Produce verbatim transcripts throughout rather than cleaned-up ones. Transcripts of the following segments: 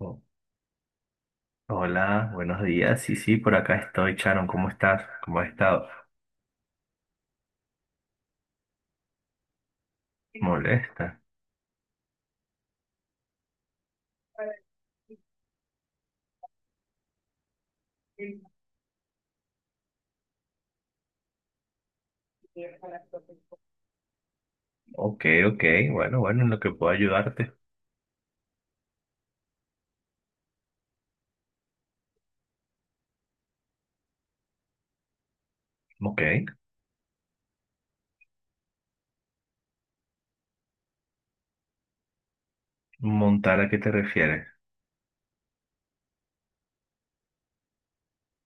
Oh, hola, buenos días. Sí, sí, por acá estoy, Sharon. ¿Cómo estás? ¿Cómo has estado? ¿Molesta? Ok, ok. Bueno, bueno, en lo que puedo ayudarte. Ok. ¿Montar a qué te refieres?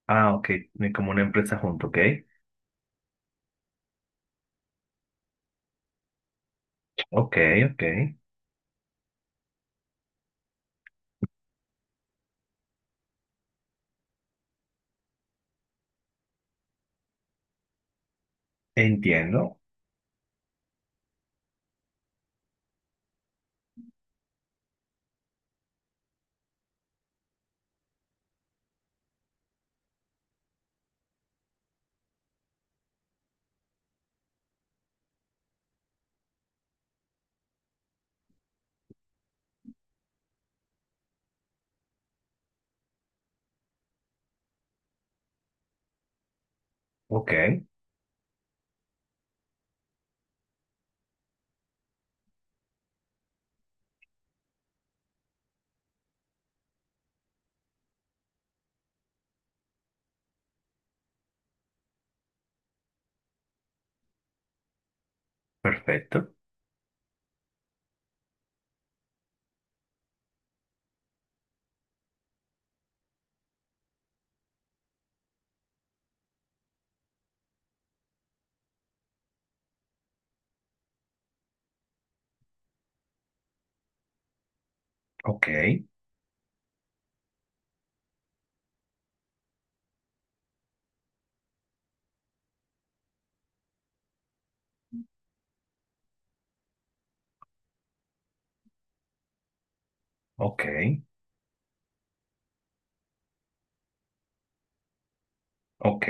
Ah, ok. Ni como una empresa junto, ok. Ok, ok. Entiendo. Ok. Perfecto. Ok, ok, ok.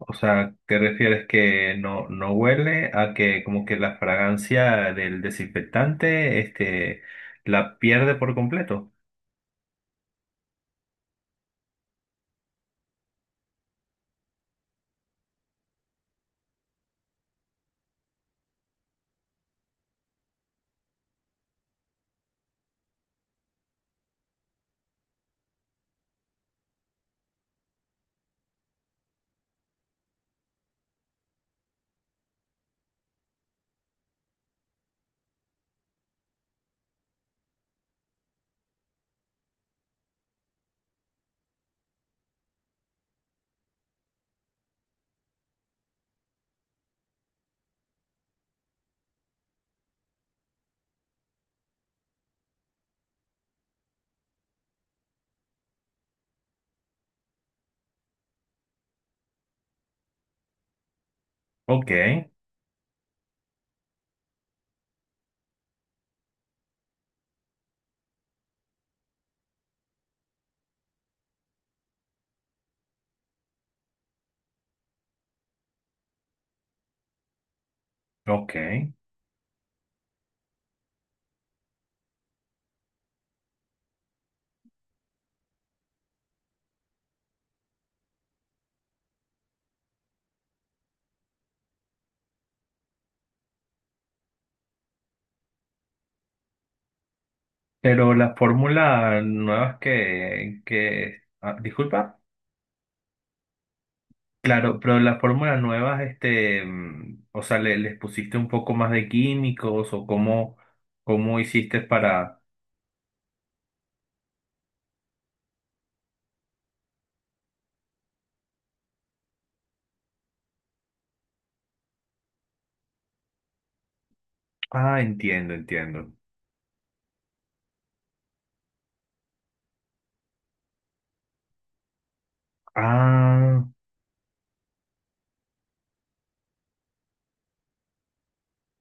O sea, ¿te refieres que no, no huele a que como que la fragancia del desinfectante, este, la pierde por completo? Ok, ok. Pero la fórmula nuevas que, que ah, disculpa. Claro, pero las fórmulas nuevas, este, mm, o sea, le- les pusiste un poco más de químicos o cómo, cómo hiciste para. Ah, entiendo, entiendo. Ah,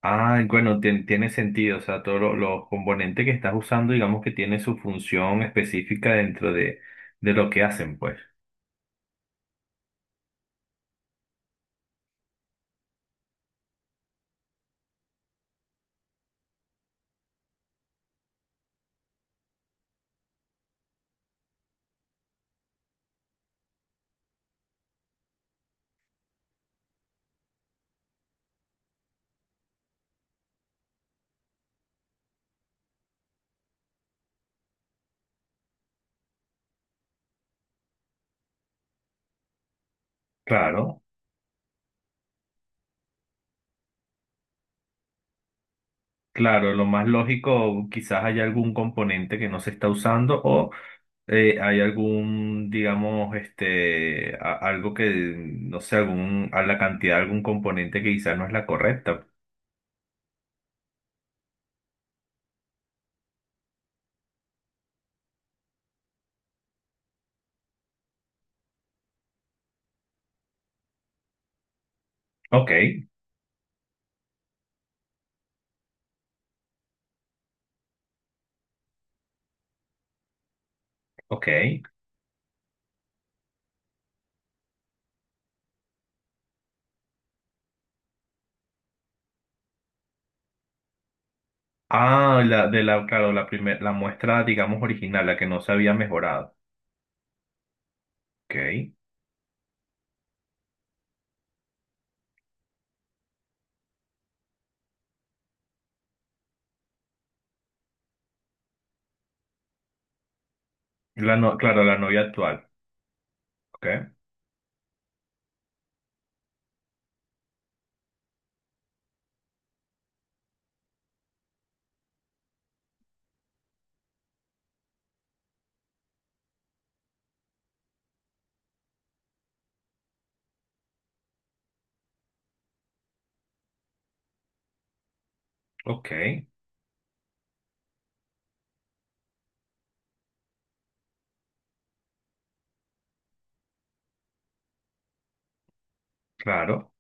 ah, bueno, tien- tiene sentido. O sea, todos lo- los componentes que estás usando, digamos que tienen su función específica dentro de, de lo que hacen, pues. Claro. Claro, lo más lógico, quizás haya algún componente que no se está usando o eh, hay algún, digamos, este, a- algo que, no sé, algún, a la cantidad de algún componente que quizás no es la correcta. Ok, ok. Ah, la, de la, claro, la primer, la muestra, digamos, original, la que no se había mejorado. Ok. La no- Claro, la novia actual. Ok, ok, claro.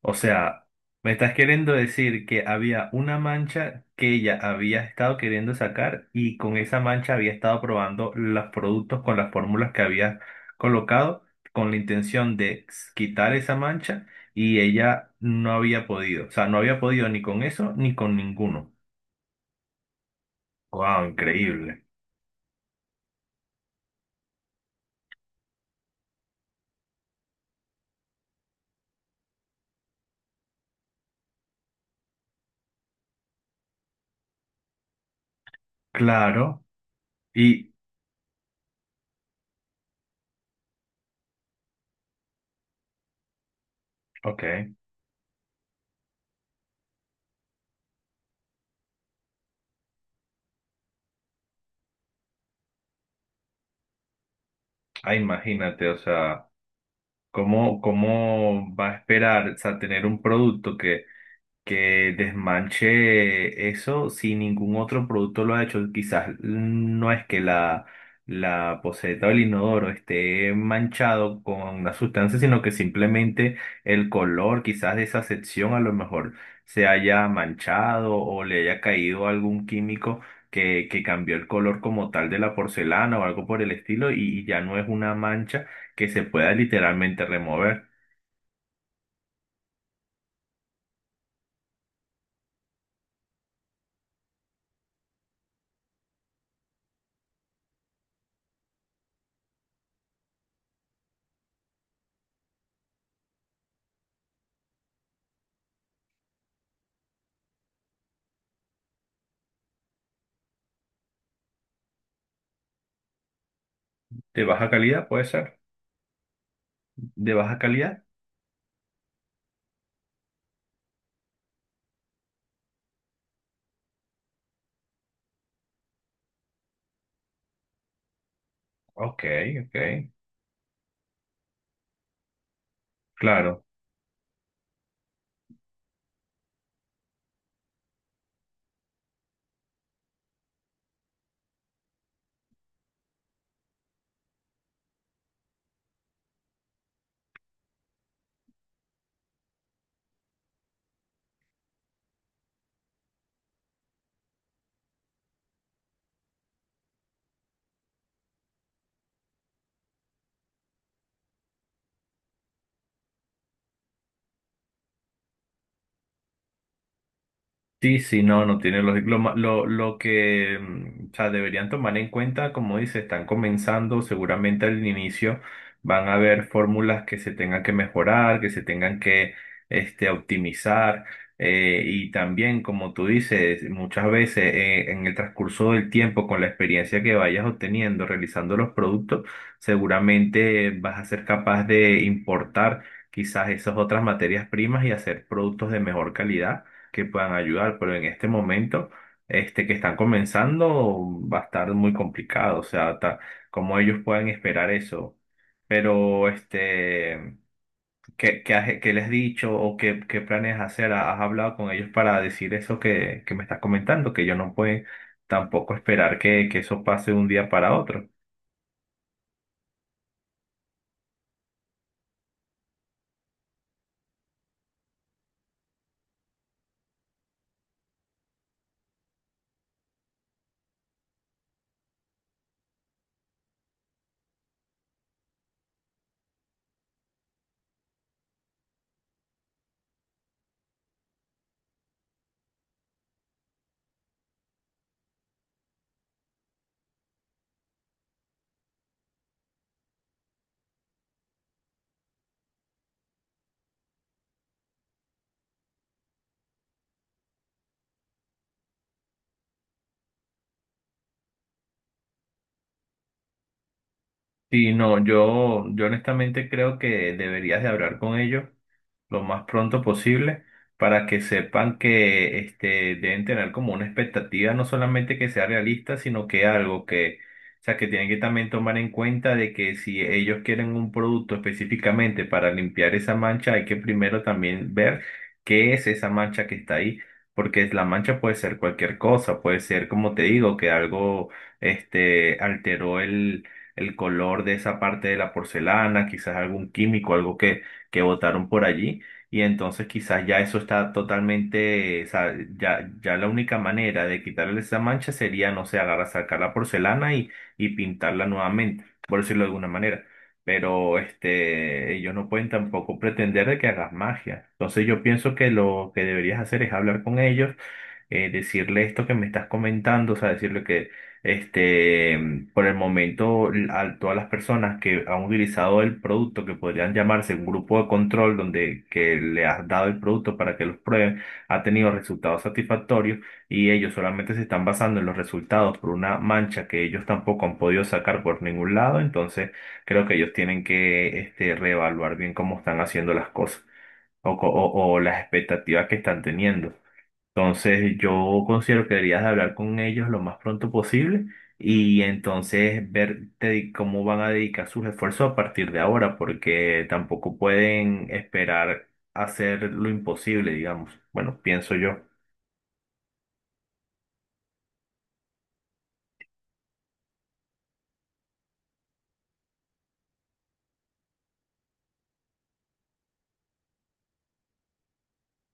O sea, me estás queriendo decir que había una mancha que ella había estado queriendo sacar y con esa mancha había estado probando los productos con las fórmulas que había colocado con la intención de s- quitar esa mancha y ella no había podido. O sea, no había podido ni con eso ni con ninguno. ¡Wow! Increíble. Claro. Y, ok, ah, imagínate, o sea, ¿cómo, cómo va a esperar, o sea, tener un producto que que desmanche eso si ningún otro producto lo ha hecho? Quizás no es que la, la poceta o el inodoro esté manchado con una sustancia, sino que simplemente el color quizás de esa sección a lo mejor se haya manchado o le haya caído algún químico. Que, que cambió el color como tal de la porcelana o algo por el estilo y, y ya no es una mancha que se pueda literalmente remover. De baja calidad puede ser. De baja calidad. Ok, ok, claro. Sí, sí, no, no tiene lógica. Lo, ma- lo, lo que, mm, o sea, deberían tomar en cuenta, como dice, están comenzando, seguramente al inicio van a haber fórmulas que se tengan que mejorar, que se tengan que, este, optimizar. Eh, y también, como tú dices, muchas veces eh, en el transcurso del tiempo, con la experiencia que vayas obteniendo realizando los productos, seguramente vas a ser capaz de importar quizás esas otras materias primas y hacer productos de mejor calidad que puedan ayudar, pero en este momento, este que están comenzando, va a estar muy complicado, o sea, ta- cómo ellos puedan esperar eso. Pero, este, ¿qué, qué has- qué les has dicho o qué, qué planes hacer? ¿Has hablado con ellos para decir eso que, que me estás comentando? Que ellos no pueden tampoco esperar que, que eso pase de un día para otro. Sí, no, yo, yo honestamente creo que deberías de hablar con ellos lo más pronto posible para que sepan que este, deben tener como una expectativa, no solamente que sea realista, sino que algo que, o sea, que tienen que también tomar en cuenta de que si ellos quieren un producto específicamente para limpiar esa mancha, hay que primero también ver qué es esa mancha que está ahí, porque la mancha puede ser cualquier cosa, puede ser, como te digo, que algo este, alteró el el color de esa parte de la porcelana, quizás algún químico, algo que, que botaron por allí. Y entonces quizás ya eso está totalmente, o sea, ya, ya la única manera de quitarle esa mancha sería, no sé, agarrar, sacar la porcelana y, y pintarla nuevamente, por decirlo de alguna manera. Pero este, ellos no pueden tampoco pretender de que hagas magia. Entonces yo pienso que lo que deberías hacer es hablar con ellos eh, decirle esto que me estás comentando, o sea, decirle que este, mm, por el momento, a todas las personas que han utilizado el producto, que podrían llamarse un grupo de control, donde que le has dado el producto para que los prueben, ha tenido resultados satisfactorios y ellos solamente se están basando en los resultados por una mancha que ellos tampoco han podido sacar por ningún lado. Entonces, creo que ellos tienen que, este, reevaluar bien cómo están haciendo las cosas o, co- o o las expectativas que están teniendo. Entonces yo considero que deberías de hablar con ellos lo más pronto posible y entonces ver dedi- cómo van a dedicar sus esfuerzos a partir de ahora, porque tampoco pueden esperar hacer lo imposible, digamos. Bueno, pienso yo.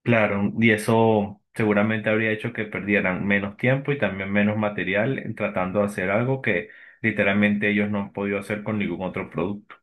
Claro, y eso seguramente habría hecho que perdieran menos tiempo y también menos material en tratando de hacer algo que literalmente ellos no han podido hacer con ningún otro producto.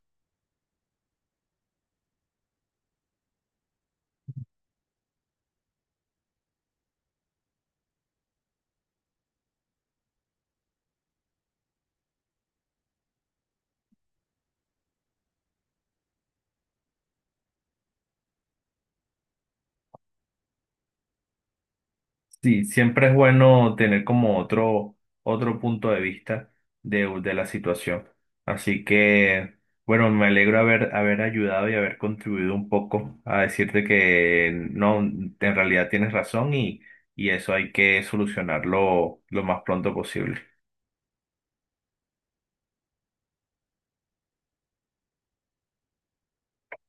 Sí, siempre es bueno tener como otro, otro punto de vista de, de la situación. Así que, bueno, me alegro haber, haber ayudado y haber contribuido un poco a decirte que no, en realidad tienes razón y, y eso hay que solucionarlo lo más pronto posible.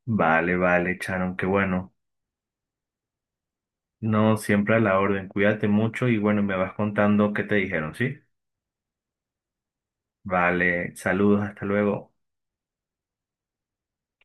Vale, vale, Charon, qué bueno. No, siempre a la orden. Cuídate mucho y bueno, me vas contando qué te dijeron, ¿sí? Vale, saludos, hasta luego.